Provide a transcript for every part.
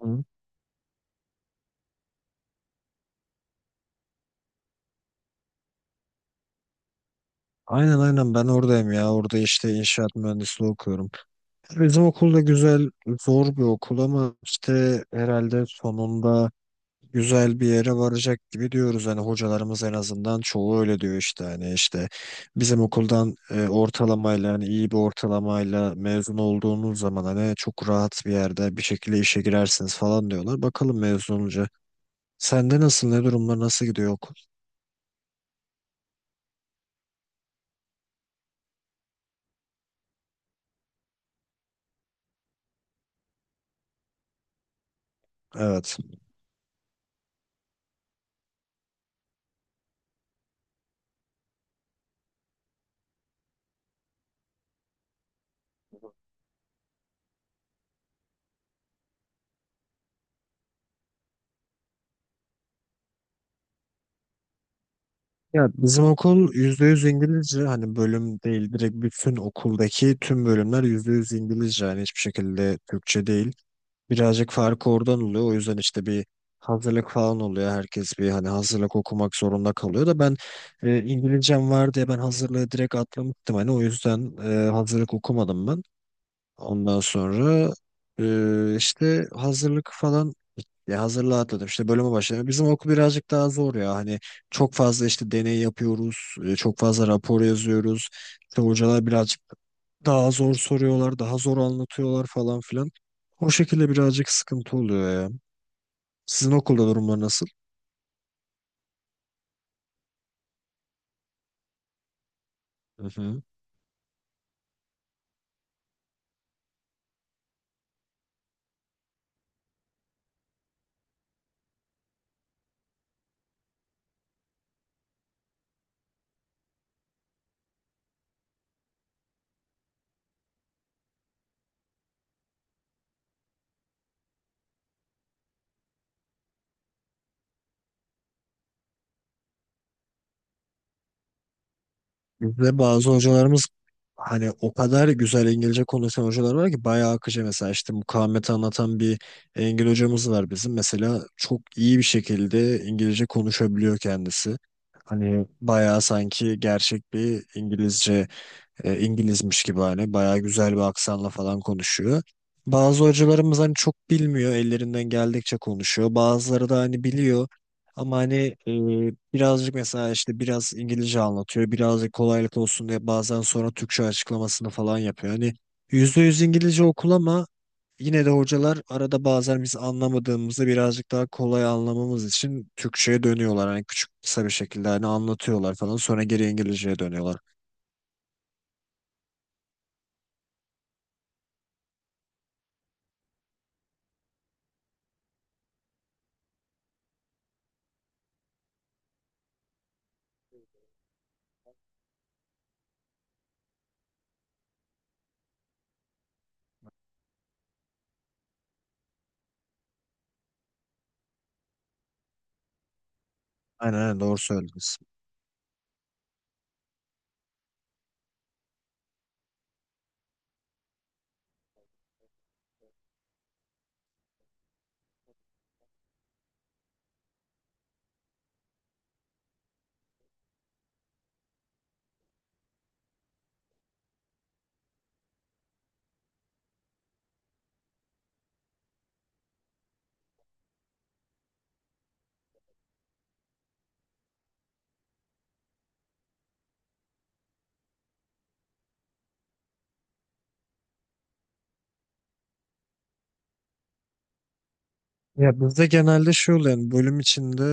Hı. Aynen aynen ben oradayım ya. Orada işte inşaat mühendisliği okuyorum. Bizim okul da güzel, zor bir okul ama işte herhalde sonunda güzel bir yere varacak gibi diyoruz. Hani hocalarımız en azından çoğu öyle diyor işte. Hani işte bizim okuldan ortalamayla hani iyi bir ortalamayla mezun olduğunuz zaman hani çok rahat bir yerde bir şekilde işe girersiniz falan diyorlar. Bakalım mezun olunca. Sende nasıl, ne durumlar, nasıl gidiyor okul? Evet. Ya bizim okul %100 İngilizce hani, bölüm değil direkt bütün okuldaki tüm bölümler %100 İngilizce, yani hiçbir şekilde Türkçe değil. Birazcık farkı oradan oluyor, o yüzden işte bir hazırlık falan oluyor, herkes bir hani hazırlık okumak zorunda kalıyor da ben İngilizcem var diye ben hazırlığı direkt atlamıştım hani, o yüzden hazırlık okumadım ben. Ondan sonra işte hazırlık falan, ya hazırlığa atladım, işte bölüme başladım. Bizim okul birazcık daha zor ya hani, çok fazla işte deney yapıyoruz, çok fazla rapor yazıyoruz. İşte hocalar birazcık daha zor soruyorlar, daha zor anlatıyorlar falan filan. O şekilde birazcık sıkıntı oluyor ya. Sizin okulda durumlar nasıl? Bizde bazı hocalarımız hani o kadar güzel İngilizce konuşan hocalar var ki, bayağı akıcı, mesela işte mukavemeti anlatan bir hocamız var bizim. Mesela çok iyi bir şekilde İngilizce konuşabiliyor kendisi. Hani bayağı sanki gerçek bir İngilizce, İngilizmiş gibi hani bayağı güzel bir aksanla falan konuşuyor. Bazı hocalarımız hani çok bilmiyor, ellerinden geldikçe konuşuyor. Bazıları da hani biliyor ama hani, e, birazcık, mesela işte biraz İngilizce anlatıyor, birazcık kolaylık olsun diye bazen sonra Türkçe açıklamasını falan yapıyor. Hani %100 İngilizce okul ama yine de hocalar arada bazen biz anlamadığımızı birazcık daha kolay anlamamız için Türkçe'ye dönüyorlar. Hani küçük, kısa bir şekilde hani anlatıyorlar falan, sonra geri İngilizce'ye dönüyorlar. Aynen aynen doğru söylediniz. Ya bizde genelde şey oluyor yani, bölüm içinde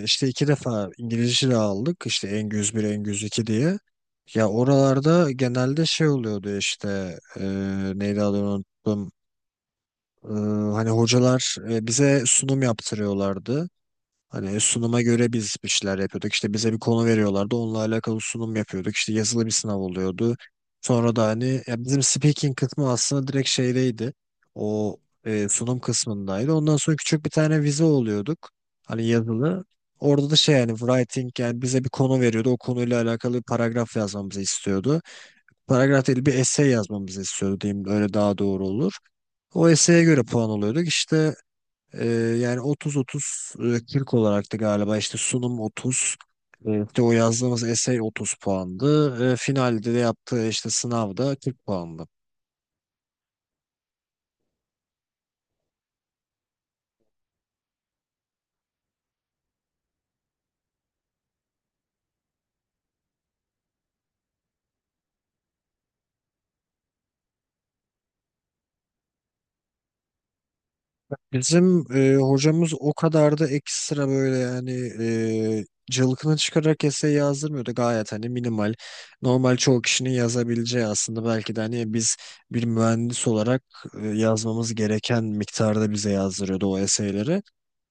işte iki defa İngilizce de aldık, işte Engüz bir Engüz 2 diye. Ya oralarda genelde şey oluyordu işte, neydi adını unuttum. E, Hani hocalar bize sunum yaptırıyorlardı. Hani sunuma göre biz bir şeyler yapıyorduk. İşte bize bir konu veriyorlardı, onunla alakalı sunum yapıyorduk. İşte yazılı bir sınav oluyordu. Sonra da hani, ya bizim speaking kısmı aslında direkt şeydeydi. O sunum kısmındaydı. Ondan sonra küçük bir tane vize oluyorduk. Hani yazılı. Orada da şey, yani writing, yani bize bir konu veriyordu. O konuyla alakalı bir paragraf yazmamızı istiyordu. Paragraf değil, bir essay yazmamızı istiyordu diyeyim. Öyle daha doğru olur. O essay'e göre puan oluyorduk. İşte ee, yani 30-30 40 olarak da galiba, işte sunum 30. e, işte o yazdığımız essay 30 puandı. Finalde de yaptığı işte sınavda 40 puandı. Bizim hocamız o kadar da ekstra böyle yani, e, cılkını çıkararak essay yazdırmıyordu. Gayet hani minimal. Normal çoğu kişinin yazabileceği, aslında belki de hani biz bir mühendis olarak yazmamız gereken miktarda bize yazdırıyordu o essayleri.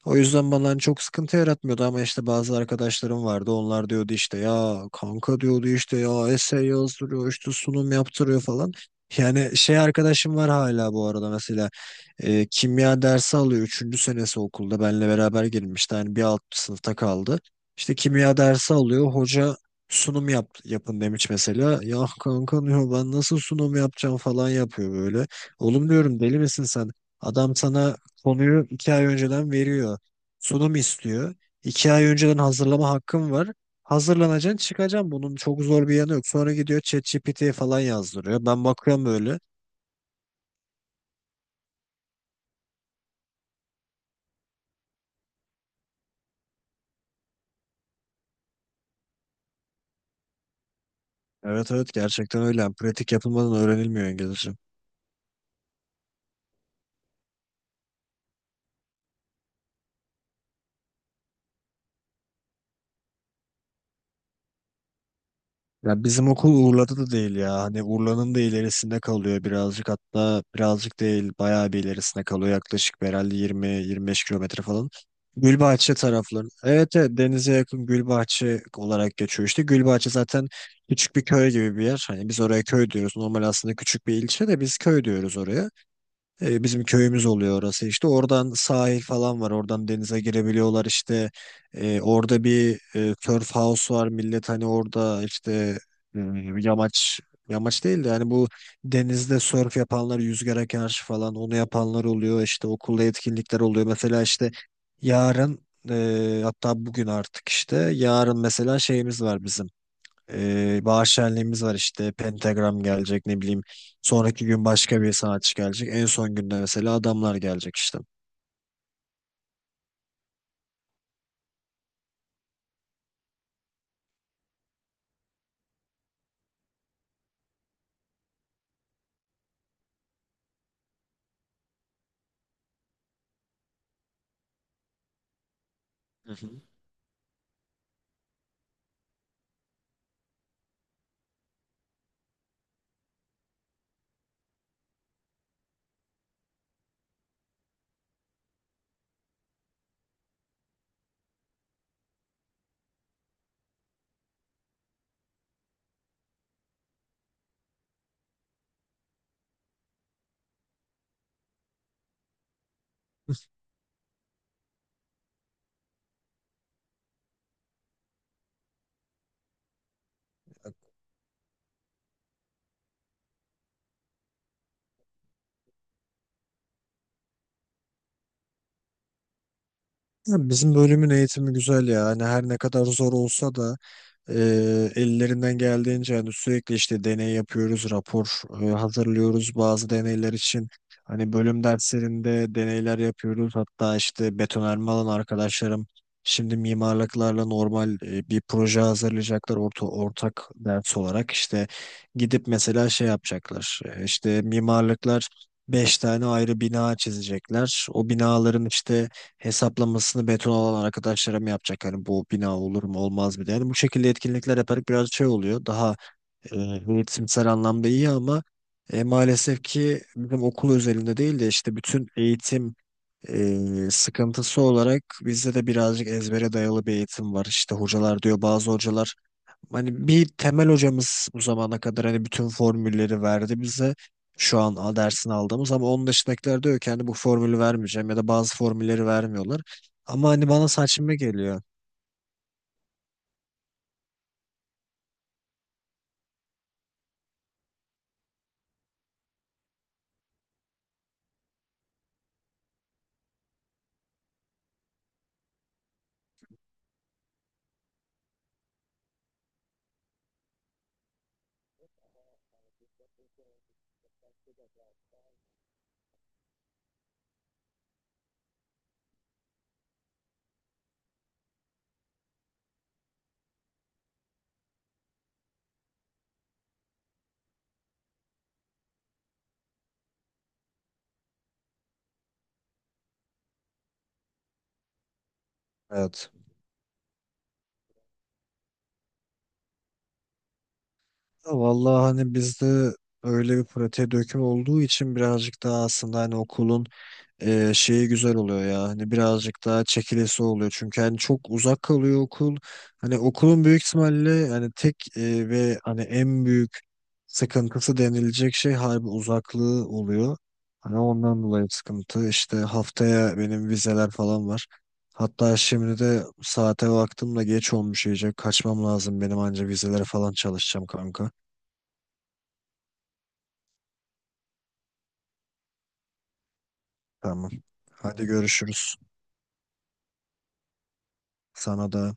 O yüzden bana hani çok sıkıntı yaratmıyordu, ama işte bazı arkadaşlarım vardı. Onlar diyordu işte, ya kanka diyordu işte, ya essay yazdırıyor, işte sunum yaptırıyor falan. Yani şey, arkadaşım var hala bu arada mesela, kimya dersi alıyor, üçüncü senesi okulda benle beraber girmişti. Yani bir alt sınıfta kaldı. İşte kimya dersi alıyor, hoca sunum yap, yapın demiş mesela. Ya kanka diyor, ben nasıl sunum yapacağım falan yapıyor böyle. Oğlum diyorum, deli misin sen? Adam sana konuyu 2 ay önceden veriyor. Sunum istiyor. 2 ay önceden hazırlama hakkım var. Hazırlanacaksın, çıkacaksın. Bunun çok zor bir yanı yok. Sonra gidiyor ChatGPT'ye falan yazdırıyor. Ben bakıyorum böyle. Evet evet, gerçekten öyle. Yani pratik yapılmadan öğrenilmiyor İngilizce. Ya bizim okul Urla'da da değil ya. Hani Urla'nın da ilerisinde kalıyor birazcık, hatta birazcık değil bayağı bir ilerisinde kalıyor. Yaklaşık bir herhalde 20-25 km falan. Gülbahçe tarafları. Evet, evet denize yakın, Gülbahçe olarak geçiyor işte. Gülbahçe zaten küçük bir köy gibi bir yer. Hani biz oraya köy diyoruz. Normal aslında küçük bir ilçe de biz köy diyoruz oraya. Bizim köyümüz oluyor orası işte. Oradan sahil falan var. Oradan denize girebiliyorlar işte. Orada bir surf house var. Millet hani orada işte e, yamaç, yamaç değil de yani bu denizde surf yapanlar, yüzgara karşı falan, onu yapanlar oluyor. İşte okulda etkinlikler oluyor. Mesela işte yarın, hatta bugün artık, işte yarın mesela şeyimiz var bizim. Bahar şenliğimiz var, işte Pentagram gelecek, ne bileyim sonraki gün başka bir sanatçı gelecek, en son günde mesela adamlar gelecek işte. Hı hı. Ya bizim bölümün eğitimi güzel ya, hani her ne kadar zor olsa da, E, ellerinden geldiğince hani sürekli işte deney yapıyoruz, rapor hazırlıyoruz bazı deneyler için. Hani bölüm derslerinde deneyler yapıyoruz. Hatta işte betonarme alan arkadaşlarım, şimdi mimarlıklarla normal bir proje hazırlayacaklar, ortak ders olarak. İşte gidip mesela şey yapacaklar. İşte mimarlıklar 5 tane ayrı bina çizecekler. O binaların işte hesaplamasını beton olan arkadaşlarım yapacak. Hani bu bina olur mu olmaz mı diye. Yani bu şekilde etkinlikler yaparak biraz şey oluyor. Daha e, eğitimsel anlamda iyi ama maalesef ki, bizim okul özelinde değil de işte bütün eğitim e, sıkıntısı olarak bizde de birazcık ezbere dayalı bir eğitim var. İşte hocalar diyor, bazı hocalar. Hani bir temel hocamız bu zamana kadar hani bütün formülleri verdi bize. Şu an dersini aldığımız, ama onun dışındakiler diyor ki hani bu formülü vermeyeceğim, ya da bazı formülleri vermiyorlar. Ama hani bana saçma geliyor. Evet. Ya vallahi hani bizde öyle bir pratiğe döküm olduğu için birazcık daha aslında hani okulun şeyi güzel oluyor ya. Hani birazcık daha çekilesi oluyor. Çünkü hani çok uzak kalıyor okul. Hani okulun büyük ihtimalle hani tek ve hani en büyük sıkıntısı denilecek şey harbi uzaklığı oluyor. Hani ondan dolayı sıkıntı. İşte haftaya benim vizeler falan var. Hatta şimdi de saate baktım da geç olmuş iyice. Kaçmam lazım benim, anca vizelere falan çalışacağım kanka. Tamam. Hadi görüşürüz. Sana da.